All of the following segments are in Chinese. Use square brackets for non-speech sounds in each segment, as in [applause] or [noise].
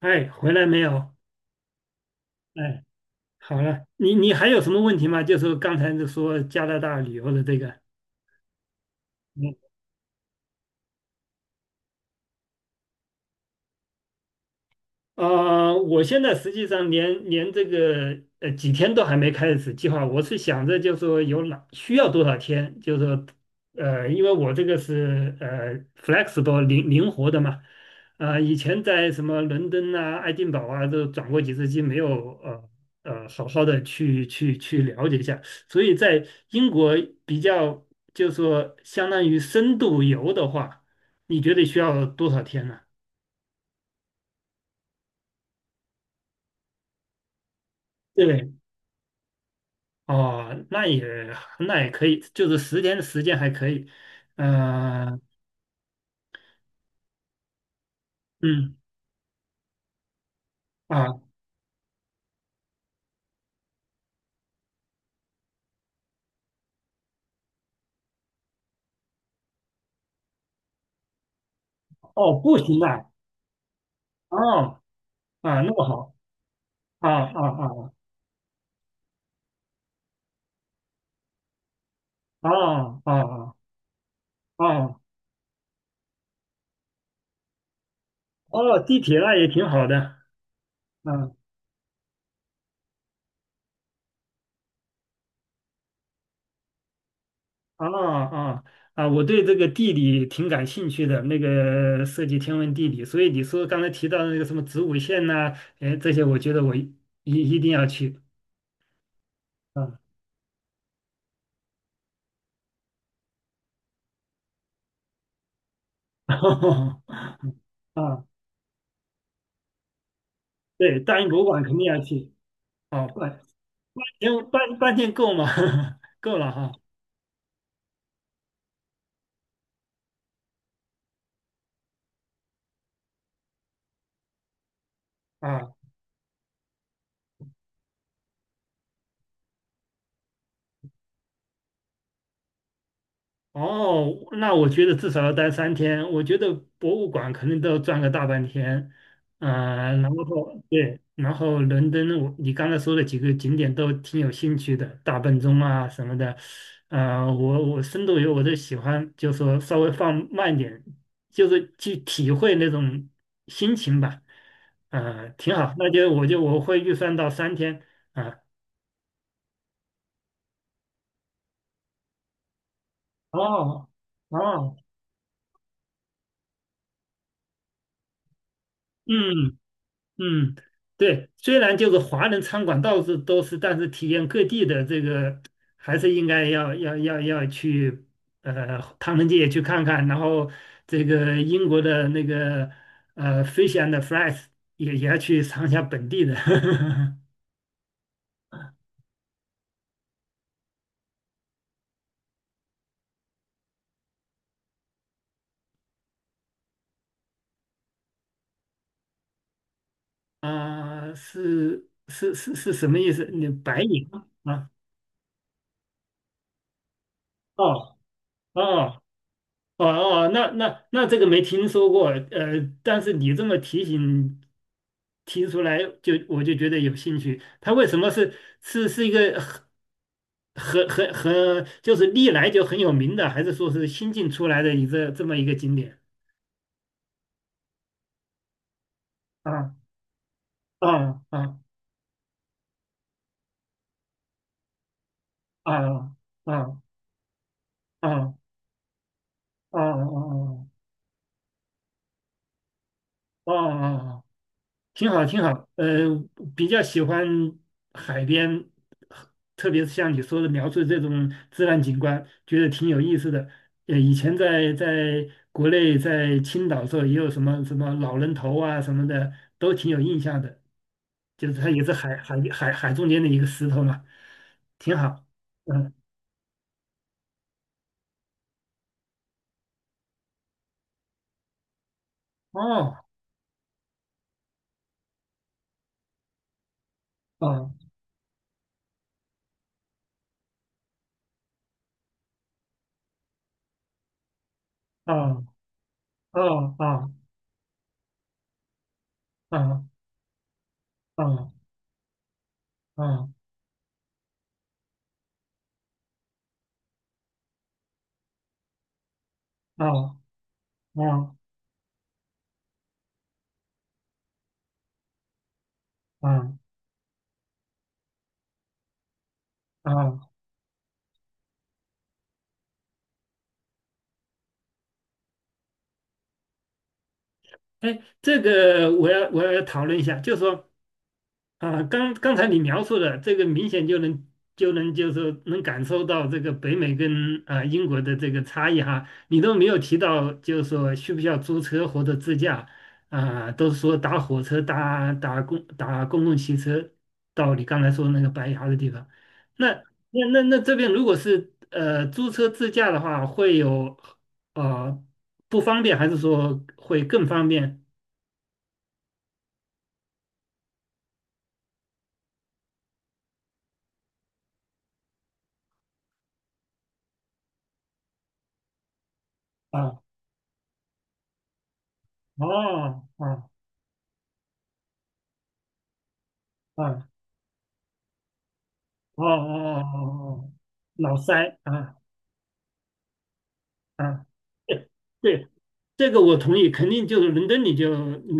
哎，回来没有？哎，好了，你还有什么问题吗？就是刚才就说加拿大旅游的这个，啊，我现在实际上连这个几天都还没开始计划，我是想着就说有哪需要多少天，就说因为我这个是flexible 灵活的嘛，呃，以前在什么伦敦啊、爱丁堡啊都转过几次机，没有好好的去了解一下，所以在英国比较就说相当于深度游的话，你觉得需要多少天呢？对。哦，那也可以，就是10天的时间还可以。嗯、嗯啊哦，不行啊，哦啊，那么好啊啊啊啊哦啊哦啊哦，地铁那也挺好的。嗯啊啊啊，我对这个地理挺感兴趣的，那个涉及天文地理，所以你说刚才提到的那个什么子午线呐、哎，这些我觉得我一定要去。啊 [laughs] 啊，对，大英博物馆肯定要去。哦，半，因为半天够吗？[laughs] 够了哈。啊，哦，那我觉得至少要待三天。我觉得博物馆可能都要转个大半天。啊，然后对，然后伦敦我，你刚才说的几个景点都挺有兴趣的，大笨钟啊什么的。啊，我深度游我都喜欢，就说稍微放慢点，就是去体会那种心情吧。啊，挺好，那就我会预算到三天。啊。哦哦，嗯嗯，对，虽然就是华人餐馆到处都是，但是体验各地的这个还是应该要去唐人街也去看看，然后这个英国的那个fish and fries 也要去尝一下本地的 [laughs] 啊、是什么意思？你白银啊？哦哦哦哦，那这个没听说过，呃，但是你这么提出来就，我就觉得有兴趣。它为什么是一个很就是历来就很有名的，还是说是新近出来的一个这么一个景点？啊啊啊啊啊啊啊啊啊啊啊！啊挺好，挺好。呃，比较喜欢海边，特别是像你说的描述这种自然景观，觉得挺有意思的。呃，以前在国内在青岛的时候，也有什么什么老人头啊什么的，都挺有印象的。就是它也是海中间的一个石头嘛，挺好。嗯，哦，哦，哦，哦，哦，哦，哦，哦，哦，哦，哦，哦，哦，哦哎，这个我要讨论一下，就是说啊，刚刚才你描述的这个明显就能就是说能感受到这个北美跟英国的这个差异哈，你都没有提到就是说需不需要租车或者自驾啊，都是说打火车搭公共汽车到你刚才说那个白崖的地方，那那这边如果是租车自驾的话，会有呃不方便还是说会更方便？啊，哦，哦，哦，哦，哦，哦，哦，脑塞啊。啊，对对，这个我同意，肯定就是伦敦你就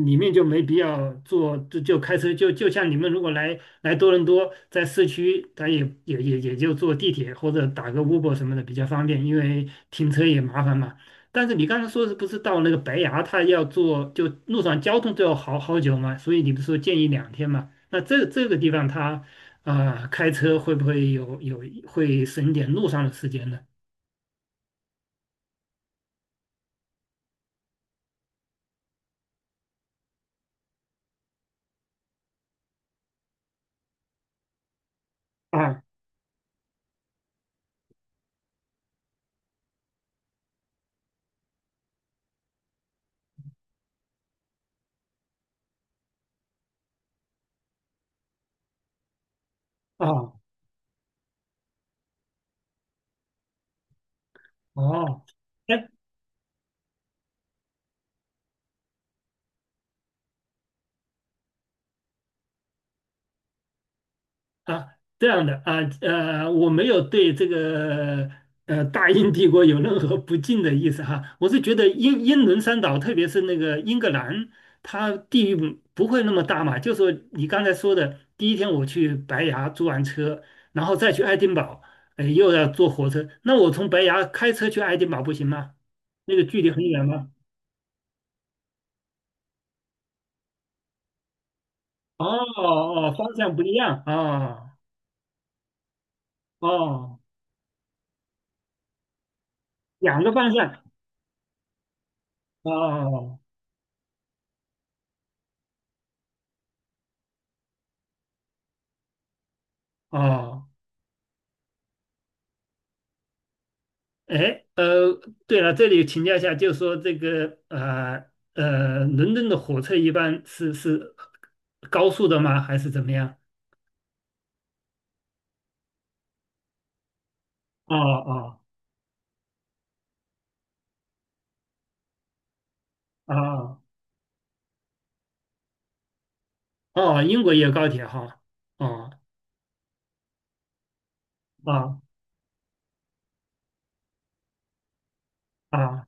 里面就没必要坐，就开车就像你们如果来多伦多，在市区，他也就坐地铁或者打个 Uber 什么的比较方便，因为停车也麻烦嘛。但是你刚才说是不是到那个白崖，他要坐就路上交通都要好好久嘛？所以你不是说建议2天嘛？那这个地方他啊、开车会不会会省一点路上的时间呢？啊啊哦，哎啊，这样的啊，呃，我没有对这个大英帝国有任何不敬的意思哈，我是觉得英伦三岛，特别是那个英格兰，它地域不会那么大嘛。就说你刚才说的，第一天我去白崖租完车，然后再去爱丁堡，哎，又要坐火车，那我从白崖开车去爱丁堡不行吗？那个距离很远吗？哦哦，哦方向不一样啊，哦，两个方向哦。哦，哎，呃，对了，这里请教一下，就是说这个伦敦的火车一般是高速的吗？还是怎么样？哦哦哦哦，英国也有高铁哈。哦哦哦。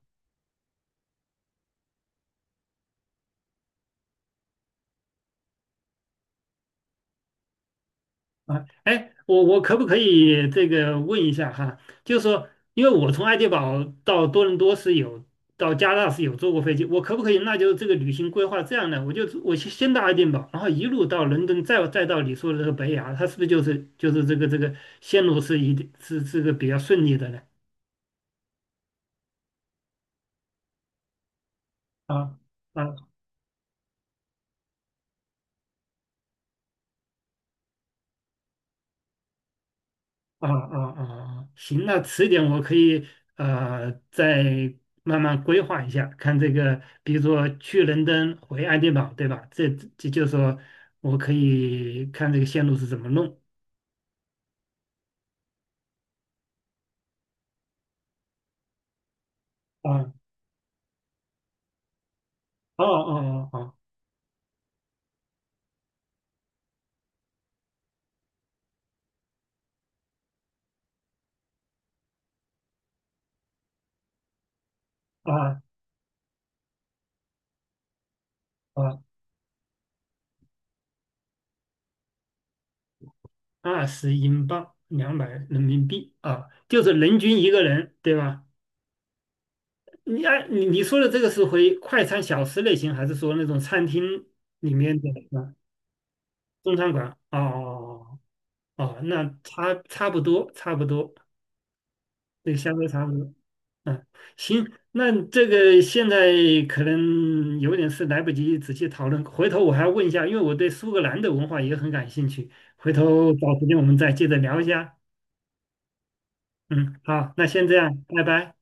啊，哎，我可不可以这个问一下哈？就是说，因为我从爱丁堡到多伦多是有，到加拿大是有坐过飞机，我可不可以？那就是这个旅行规划这样的，我先到爱丁堡，然后一路到伦敦，再到你说的这个北雅，它是不是就是这个线路是一定是这个比较顺利的呢？啊啊啊啊啊！行，那迟一点我可以再慢慢规划一下，看这个，比如说去伦敦回爱丁堡，对吧？这就是说我可以看这个线路是怎么弄啊。哦哦哦哦啊啊！20英镑，200人民币啊，就是人均一个人，对吧？你按你说的这个是回快餐小吃类型，还是说那种餐厅里面的啊中餐馆？哦哦哦。哦哦，那差不多，差不多，对，相对差不多。嗯，行，那这个现在可能有点事，来不及仔细讨论，回头我还要问一下，因为我对苏格兰的文化也很感兴趣，回头找时间我们再接着聊一下。嗯，好，那先这样，拜拜。